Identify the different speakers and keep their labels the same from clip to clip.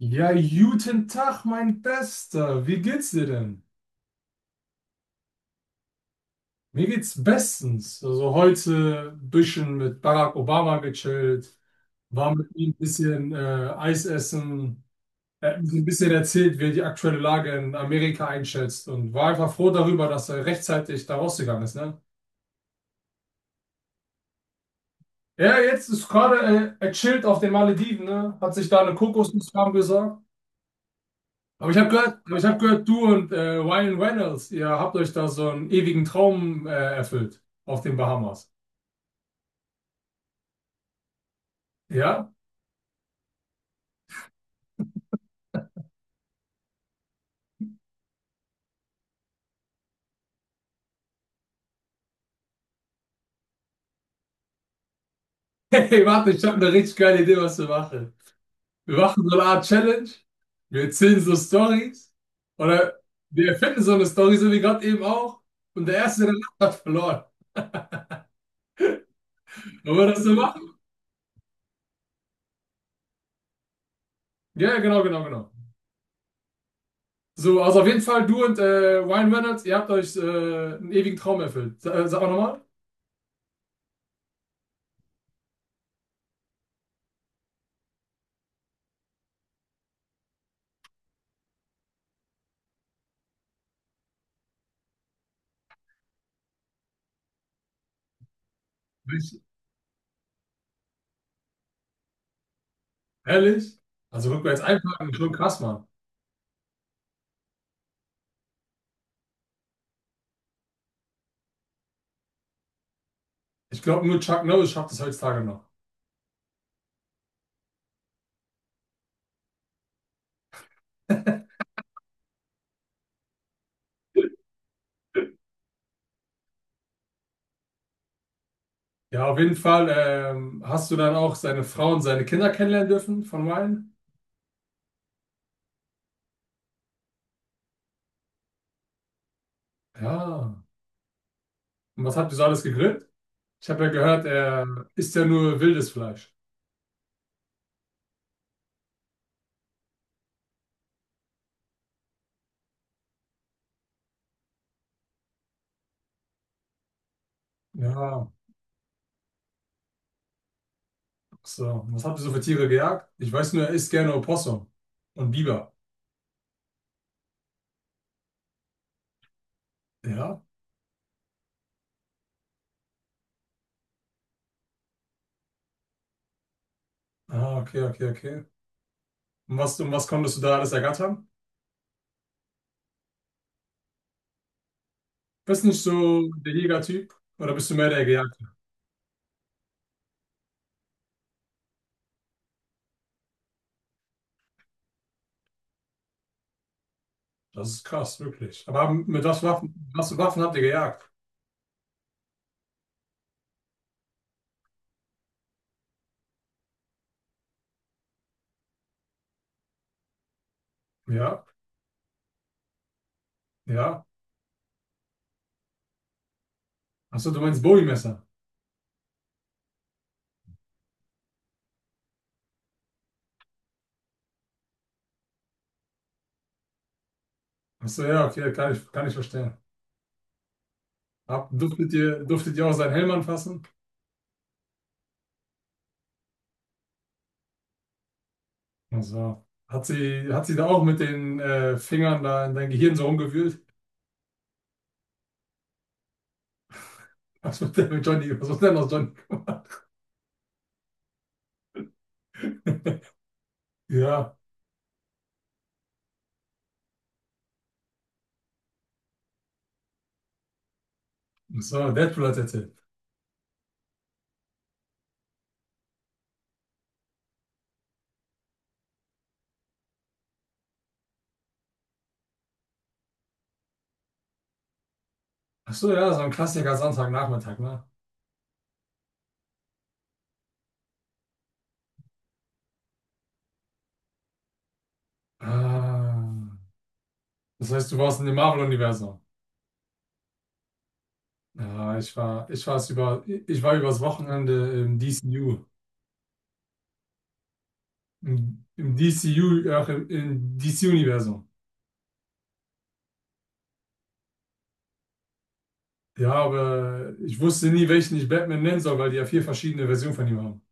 Speaker 1: Ja, guten Tag, mein Bester. Wie geht's dir denn? Mir geht's bestens. Also heute ein bisschen mit Barack Obama gechillt, war mit ihm ein bisschen Eis essen, er hat mir so ein bisschen erzählt, wie er die aktuelle Lage in Amerika einschätzt und war einfach froh darüber, dass er rechtzeitig da rausgegangen ist, ne? Ja, jetzt ist gerade, er chillt auf den Malediven, ne? Hat sich da eine Kokosnuss warm gesorgt. Aber ich habe gehört, aber ich hab gehört, du und Ryan Reynolds, ihr habt euch da so einen ewigen Traum erfüllt auf den Bahamas. Ja? Hey, warte, ich habe eine richtig geile Idee, was wir machen. Wir machen so eine Art Challenge, wir erzählen so Stories oder wir erfinden so eine Story, so wie gerade eben auch. Und der Erste, der lacht, hat verloren. Wollen wir das so machen? Ja, ja, genau, genau, genau. So, also auf jeden Fall, du und Ryan Reynolds, ihr habt euch einen ewigen Traum erfüllt. Sag mal nochmal. Nicht? Ehrlich? Also rückwärts einpacken, schon krass, Mann. Ich glaube, nur Chuck Norris schafft es heutzutage noch. Ja, auf jeden Fall. Hast du dann auch seine Frau und seine Kinder kennenlernen dürfen von Ryan? Ja. Und was habt ihr so alles gegrillt? Ich habe ja gehört, er isst ja nur wildes Fleisch. Ja. So, was habt ihr so für Tiere gejagt? Ich weiß nur, er isst gerne Opossum und Biber. Ja? Ah, okay, okay, okay. Und was konntest du da alles ergattern? Bist nicht so der Jägertyp oder bist du mehr der Gejagte? Das ist krass, wirklich. Aber mit was Waffen, was für Waffen habt ihr gejagt? Ja, ja. Achso, du meinst Bowie-Messer. Achso, ja, okay, kann ich verstehen. Hab, durftet ihr auch seinen Helm anfassen? Also, hat sie da auch mit den Fingern da in dein Gehirn so rumgewühlt? Was wird denn mit Johnny, was wird denn aus Johnny gemacht? Ja, so, Deadpool hat erzählt. Achso, ja, so ein Klassiker Sonntagnachmittag, ne? Ah, das heißt, du warst in dem Marvel-Universum. Ja, ich war übers Wochenende im DCU. Im, im DCU, ja, im DC-Universum. Ja, aber ich wusste nie, welchen ich Batman nennen soll, weil die ja vier verschiedene Versionen von ihm haben.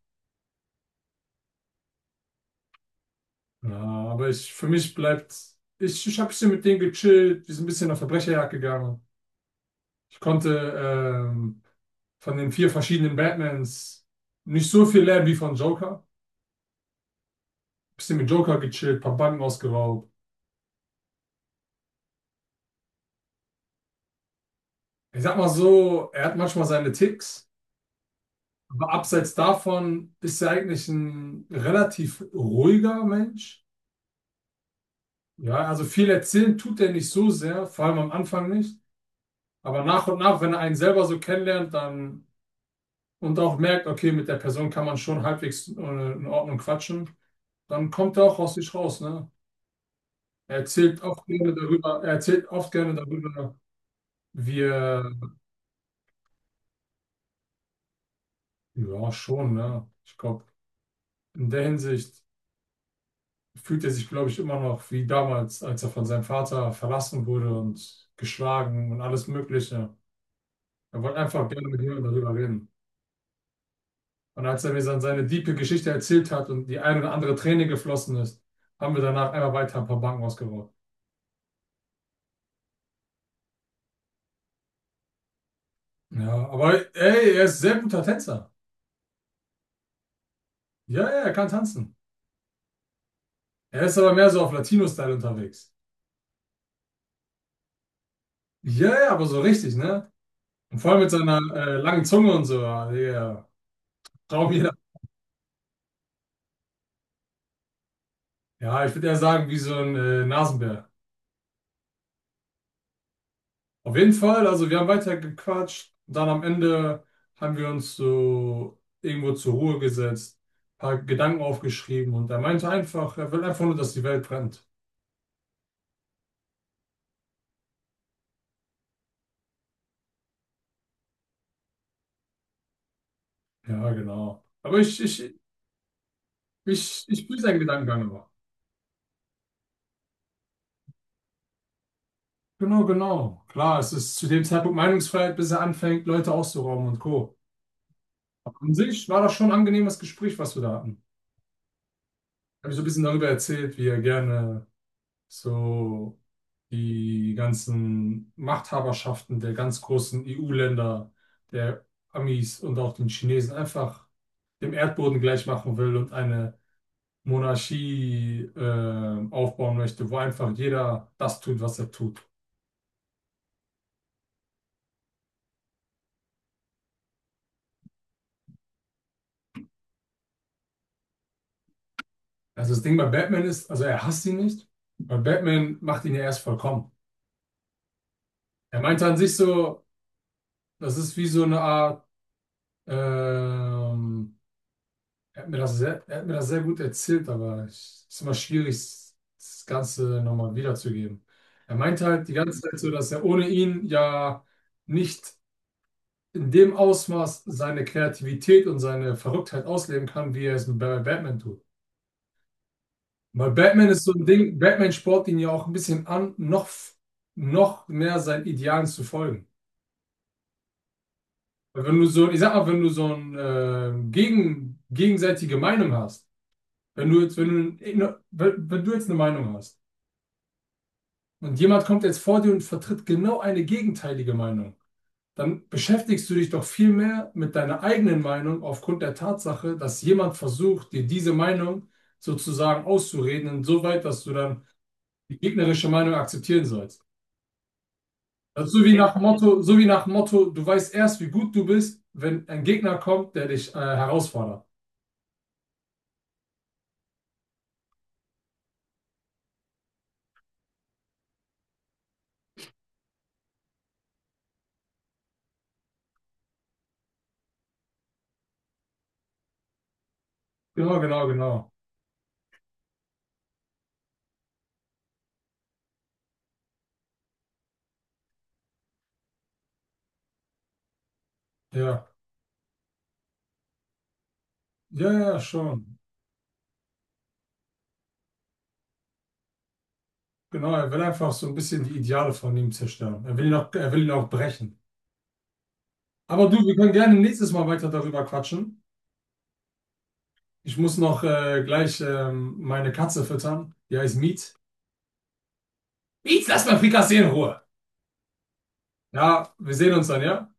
Speaker 1: Ja, aber ich, für mich bleibt, ich habe bisschen mit denen gechillt, wir sind ein bisschen auf Verbrecherjagd gegangen. Ich konnte ähm, von den vier verschiedenen Batmans nicht so viel lernen wie von Joker. Bisschen mit Joker gechillt, paar Banken ausgeraubt. Ich sag mal so, er hat manchmal seine Ticks, aber abseits davon ist er eigentlich ein relativ ruhiger Mensch. Ja, also viel erzählen tut er nicht so sehr, vor allem am Anfang nicht. Aber nach und nach, wenn er einen selber so kennenlernt, dann und auch merkt, okay, mit der Person kann man schon halbwegs in Ordnung quatschen, dann kommt er auch aus sich raus, ne? Er erzählt oft gerne darüber, wie er, ja, schon, ne? Ich glaube, in der Hinsicht fühlt er sich, glaube ich, immer noch wie damals, als er von seinem Vater verlassen wurde und geschlagen und alles Mögliche. Er wollte einfach gerne mit jemandem darüber reden. Und als er mir dann seine diepe Geschichte erzählt hat und die ein oder andere Träne geflossen ist, haben wir danach einfach weiter ein paar Banken ausgebaut. Ja, aber ey, er ist sehr guter Tänzer. Ja, ja, er kann tanzen. Er ist aber mehr so auf Latino-Style unterwegs. Ja, ja, aber so richtig, ne? Und vor allem mit seiner langen Zunge und so. Ja, ja. Traum jeder. Ja, ich würde eher sagen, wie so ein Nasenbär. Auf jeden Fall, also wir haben weiter gequatscht. Dann am Ende haben wir uns so irgendwo zur Ruhe gesetzt, paar Gedanken aufgeschrieben und er meinte einfach, er will einfach nur, dass die Welt brennt. Ja, genau. Aber ich fühle seinen Gedankengang immer. Genau, genau. Klar, es ist zu dem Zeitpunkt Meinungsfreiheit, bis er anfängt, Leute auszurauben und Co. Aber an sich war das schon ein angenehmes Gespräch, was wir da hatten. Habe ich so ein bisschen darüber erzählt, wie er gerne so die ganzen Machthaberschaften der ganz großen EU-Länder, der Amis und auch den Chinesen einfach dem Erdboden gleich machen will und eine Monarchie aufbauen möchte, wo einfach jeder das tut, was er tut. Also das Ding bei Batman ist, also er hasst ihn nicht, weil Batman macht ihn ja erst vollkommen. Er meinte an sich so, das ist wie so eine Art ähm, er hat mir das sehr gut erzählt, aber es ist immer schwierig, das Ganze nochmal wiederzugeben. Er meinte halt die ganze Zeit so, dass er ohne ihn ja nicht in dem Ausmaß seine Kreativität und seine Verrücktheit ausleben kann, wie er es bei Batman tut. Weil Batman ist so ein Ding, Batman spornt ihn ja auch ein bisschen an, noch mehr seinen Idealen zu folgen. Weil wenn du so, ich sag mal, wenn du so eine gegenseitige Meinung hast, wenn du jetzt eine Meinung hast, und jemand kommt jetzt vor dir und vertritt genau eine gegenteilige Meinung, dann beschäftigst du dich doch viel mehr mit deiner eigenen Meinung aufgrund der Tatsache, dass jemand versucht, dir diese Meinung sozusagen auszureden, insoweit, dass du dann die gegnerische Meinung akzeptieren sollst. Das ist so wie ja, nach Motto, so wie nach Motto, du weißt erst, wie gut du bist, wenn ein Gegner kommt, der dich herausfordert. Genau, genau, genau. Ja, ja, ja, schon. Genau, er will einfach so ein bisschen die Ideale von ihm zerstören. Er will ihn auch brechen. Aber du, wir können gerne nächstes Mal weiter darüber quatschen. Ich muss noch gleich meine Katze füttern. Die heißt Miet. Miet, lass mal Frikassee in Ruhe. Ja, wir sehen uns dann, ja?